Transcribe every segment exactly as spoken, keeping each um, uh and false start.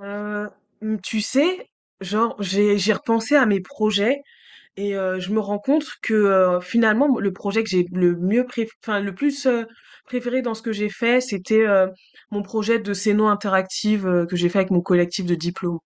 Euh, hum, tu sais, genre j'ai j'ai repensé à mes projets et euh, je me rends compte que euh, finalement le projet que j'ai le mieux pré, enfin le plus euh, préféré dans ce que j'ai fait, c'était euh, mon projet de scéno interactive euh, que j'ai fait avec mon collectif de diplôme.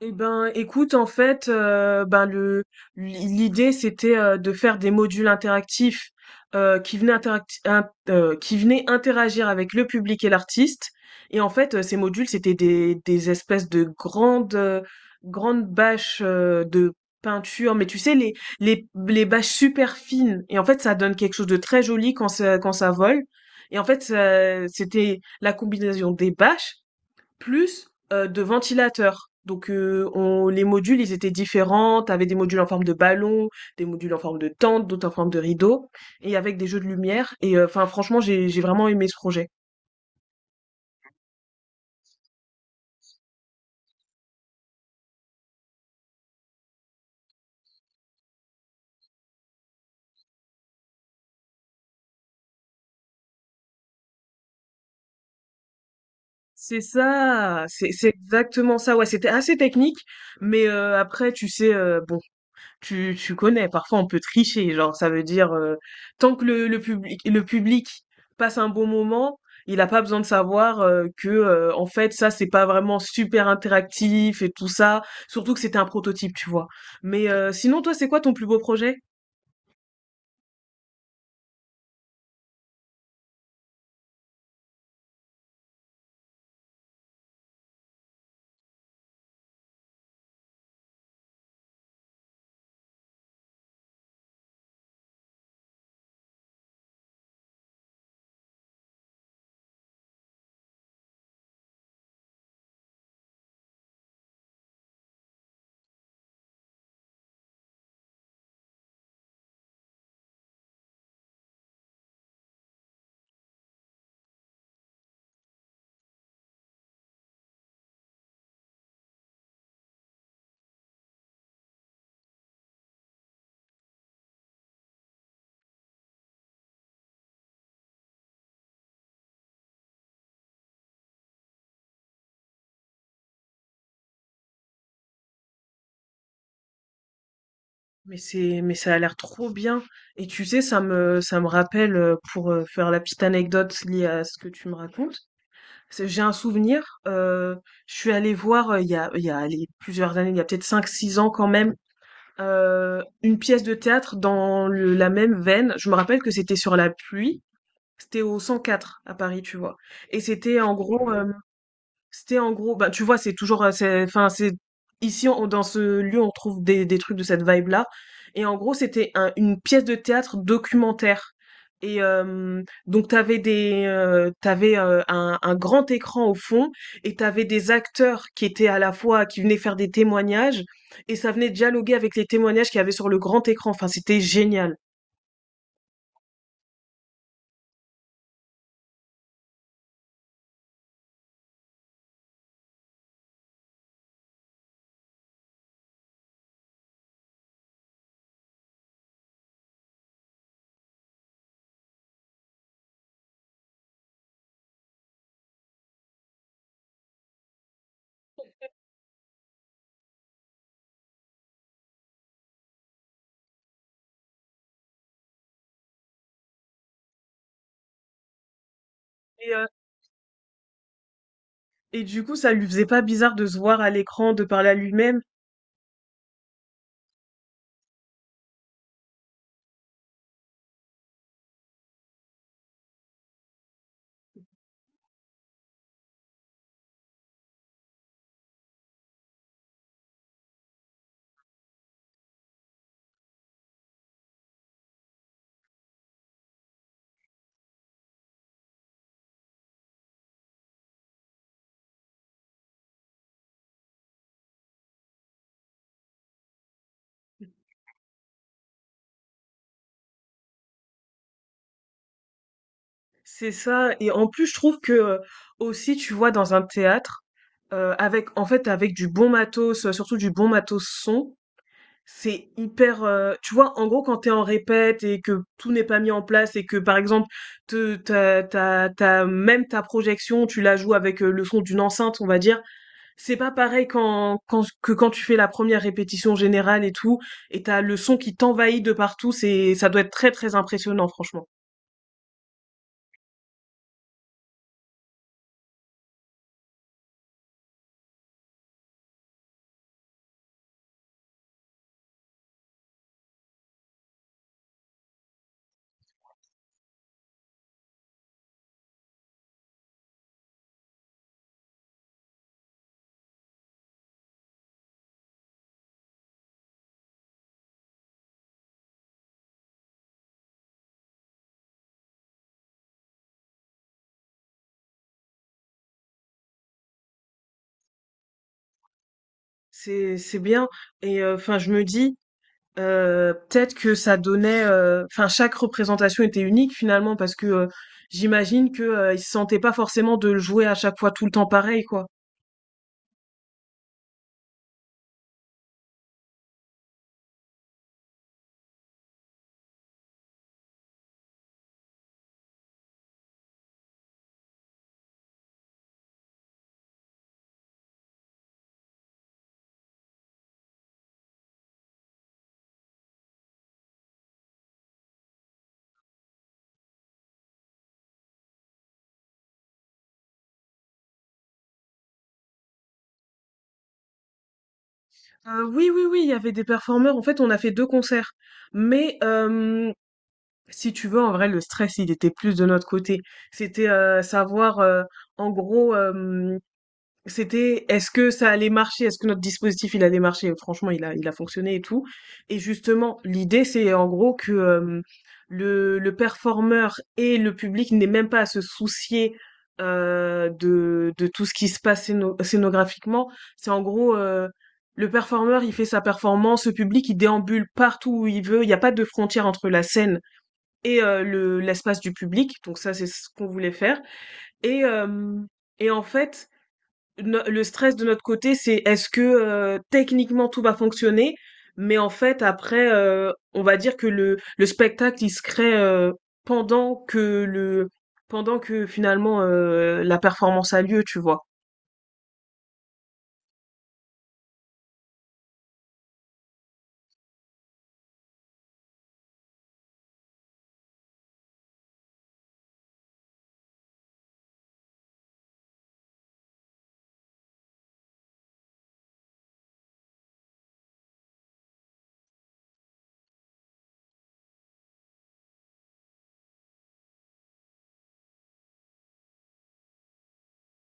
Eh ben, écoute, en fait, euh, ben le l'idée c'était euh, de faire des modules interactifs euh, qui venaient interacti- in- euh, qui venaient interagir avec le public et l'artiste. Et en fait, euh, ces modules c'était des des espèces de grandes euh, grandes bâches euh, de peinture, mais tu sais les les les bâches super fines. Et en fait, ça donne quelque chose de très joli quand ça quand ça vole. Et en fait, ça- c'était la combinaison des bâches plus, heu, de ventilateurs. Donc, heu, on les modules, ils étaient différents. T'avais des modules en forme de ballon, des modules en forme de tente, d'autres en forme de rideau et avec des jeux de lumière et euh, enfin franchement, j'ai j'ai vraiment aimé ce projet. C'est ça! C'est c'est exactement ça, ouais, c'était assez technique mais, heu, après tu sais, heu, bon Tu tu connais, parfois on peut tricher, genre ça veut dire heu, tant que le le public le public passe un bon moment, il a pas besoin de savoir, heu, que, heu, en fait ça c'est pas vraiment super interactif et tout ça, surtout que c'était un prototype, tu vois? Mais, heu, sinon toi c'est quoi ton plus beau projet? Mais c'est mais ça a l'air trop bien et tu sais ça me ça me rappelle, heu, pour, heu, faire la petite anecdote liée à ce que tu me racontes, c'est j'ai un souvenir, heu, je suis allée voir, heu, il y a il y a allez plusieurs années, il y a peut-être cinq six ans quand même, euh, une pièce de théâtre dans le- la même veine. Je me rappelle que c'était sur la pluie. C'était au cent quatre à Paris, tu vois. Et c'était en gros, euh, c'était en gros, bah tu vois, c'est toujours, euh, c'est, enfin c'est ici on- dans ce lieu on trouve des, des trucs de cette vibe là. Et en gros c'était un- une pièce de théâtre documentaire. Et euh, donc t'avais des, euh, t'avais euh, un, un grand écran au fond et t'avais des acteurs qui étaient à la fois qui venaient faire des témoignages et ça venait dialoguer avec les témoignages qu'il y avait sur le grand écran. Enfin c'était génial. Et, euh, et du coup ça lui faisait pas bizarre de se voir à l'écran, de parler à lui-même. C'est ça et en plus je trouve que, heu, aussi tu vois dans un théâtre, heu, avec en fait avec du bon matos, heu, surtout du bon matos son, c'est hyper, heu, tu vois en gros quand t'es en répète et que tout n'est pas mis en place et que par exemple te ta ta ta même ta projection tu la joues avec, heu, le son d'une enceinte on va dire. C'est pas pareil quand, quand, que quand tu fais la première répétition générale et tout, et t'as le son qui t'envahit de partout, c'est, ça doit être très très impressionnant, franchement. C'est, c'est bien. Et euh, enfin, je me dis, Heu, peut-être que ça donnait, heu, enfin chaque représentation était unique finalement parce que, heu, j'imagine que, heu, ils se sentaient pas forcément de le jouer à chaque fois tout le temps pareil, quoi. Heu, oui, oui, oui, il y avait des performeurs. En fait, on a fait deux concerts, mais hem si tu veux, en vrai, le stress, il était plus de notre côté. C'était euh, savoir, euh, en gros, euh, c'était est-ce que ça allait marcher, est-ce que notre dispositif, il allait marcher. Franchement, il a, il a fonctionné et tout. Et justement, l'idée, c'est en gros que euh, le, le performeur et le public n'aient même pas à se soucier euh, de, de tout ce qui se passe scéno- scénographiquement. C'est en gros, euh, le performeur, il fait sa performance, le public, il déambule partout où il veut, il n'y a pas de frontière entre la scène et euh, le l'espace du public. Donc ça, c'est ce qu'on voulait faire. Et euh, et en fait, no- le stress de notre côté, c'est est-ce que euh, techniquement tout va fonctionner, mais en fait après, euh, on va dire que le le spectacle il se crée euh, pendant que le pendant que finalement euh, la performance a lieu, tu vois.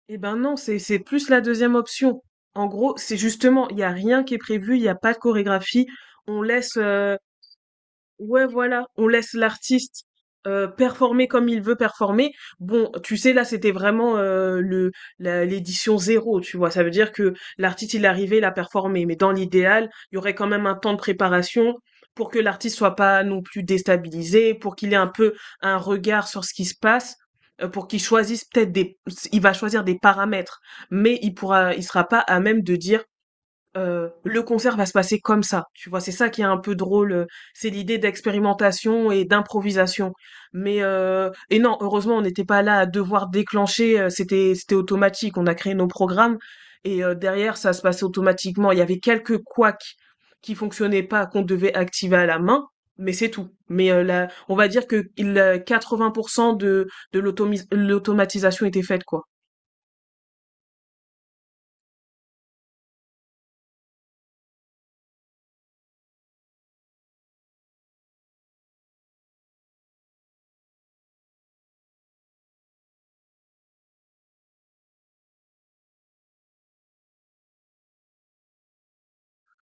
Eh ben non, c'est c'est plus la deuxième option. En gros, c'est justement, il y a rien qui est prévu, il n'y a pas de chorégraphie. On laisse euh, Ouais, voilà, on laisse l'artiste euh, performer comme il veut performer. Bon, tu sais, là, c'était vraiment euh, le la- l'édition zéro, tu vois. Ça veut dire que l'artiste, il est arrivé, il a performé. Mais dans l'idéal, il y aurait quand même un temps de préparation pour que l'artiste soit pas non plus déstabilisé, pour qu'il ait un peu un regard sur ce qui se passe, euh, pour qu'il choisisse peut-être des. Il va choisir des paramètres, mais il pourra, il sera pas à même de dire Heu, le concert va se passer comme ça, tu vois? C'est ça qui est un peu drôle, heu, c'est l'idée d'expérimentation et d'improvisation. Mais heu et non, heureusement, on n'était pas là à devoir déclencher. heu, c'était c'était automatique. On a créé nos programmes et heu, derrière, ça se passait automatiquement. Il y avait quelques couacs qui fonctionnaient pas, qu'on devait activer à la main, mais c'est tout. Mais heu, la on va dire que il, heu, quatre-vingts de de l'automis l'automatisation était faite, quoi.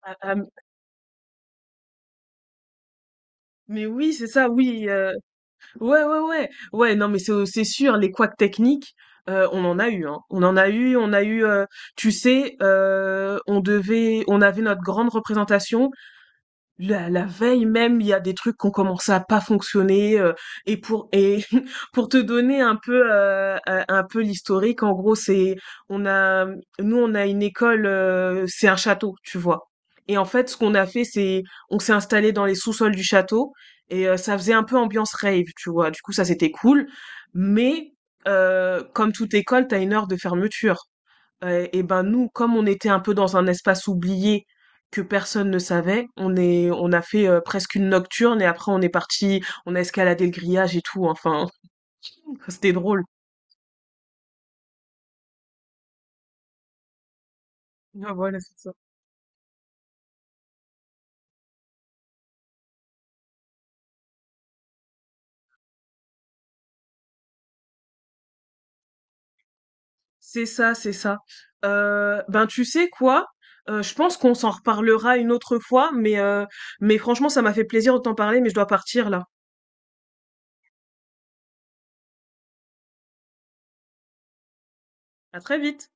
Ah, ah, m- mais oui, c'est ça, oui. euh, Ouais, ouais, ouais. Ouais, non, mais c'est c'est sûr, les couacs techniques, euh, on en a eu, hein. On en a eu, on a eu, euh, tu sais, euh, on devait, on avait notre grande représentation. La la veille même, il y a des trucs qui ont commencé à pas fonctionner, heu et pour et pour te donner un peu, heu, un un peu l'historique, en gros, c'est on a nous, on a une école, heu, c'est un château, tu vois? Et en fait, ce qu'on a fait, c'est on s'est installé dans les sous-sols du château et heu, ça faisait un peu ambiance rave, tu vois? Du coup, ça, c'était cool mais heu, comme toute école, t'as une heure de fermeture. Euh, et ben nous, comme on était un peu dans un espace oublié que personne ne savait, on est, on a fait euh, presque une nocturne et après on est parti, on a escaladé le grillage et tout. Enfin, c'était drôle. Ah voilà, c'est ça. C'est ça, c'est ça. Euh, ben tu sais quoi? Euh, je pense qu'on s'en reparlera une autre fois, mais euh, mais franchement, ça m'a fait plaisir de t'en parler, mais je dois partir là. À très vite.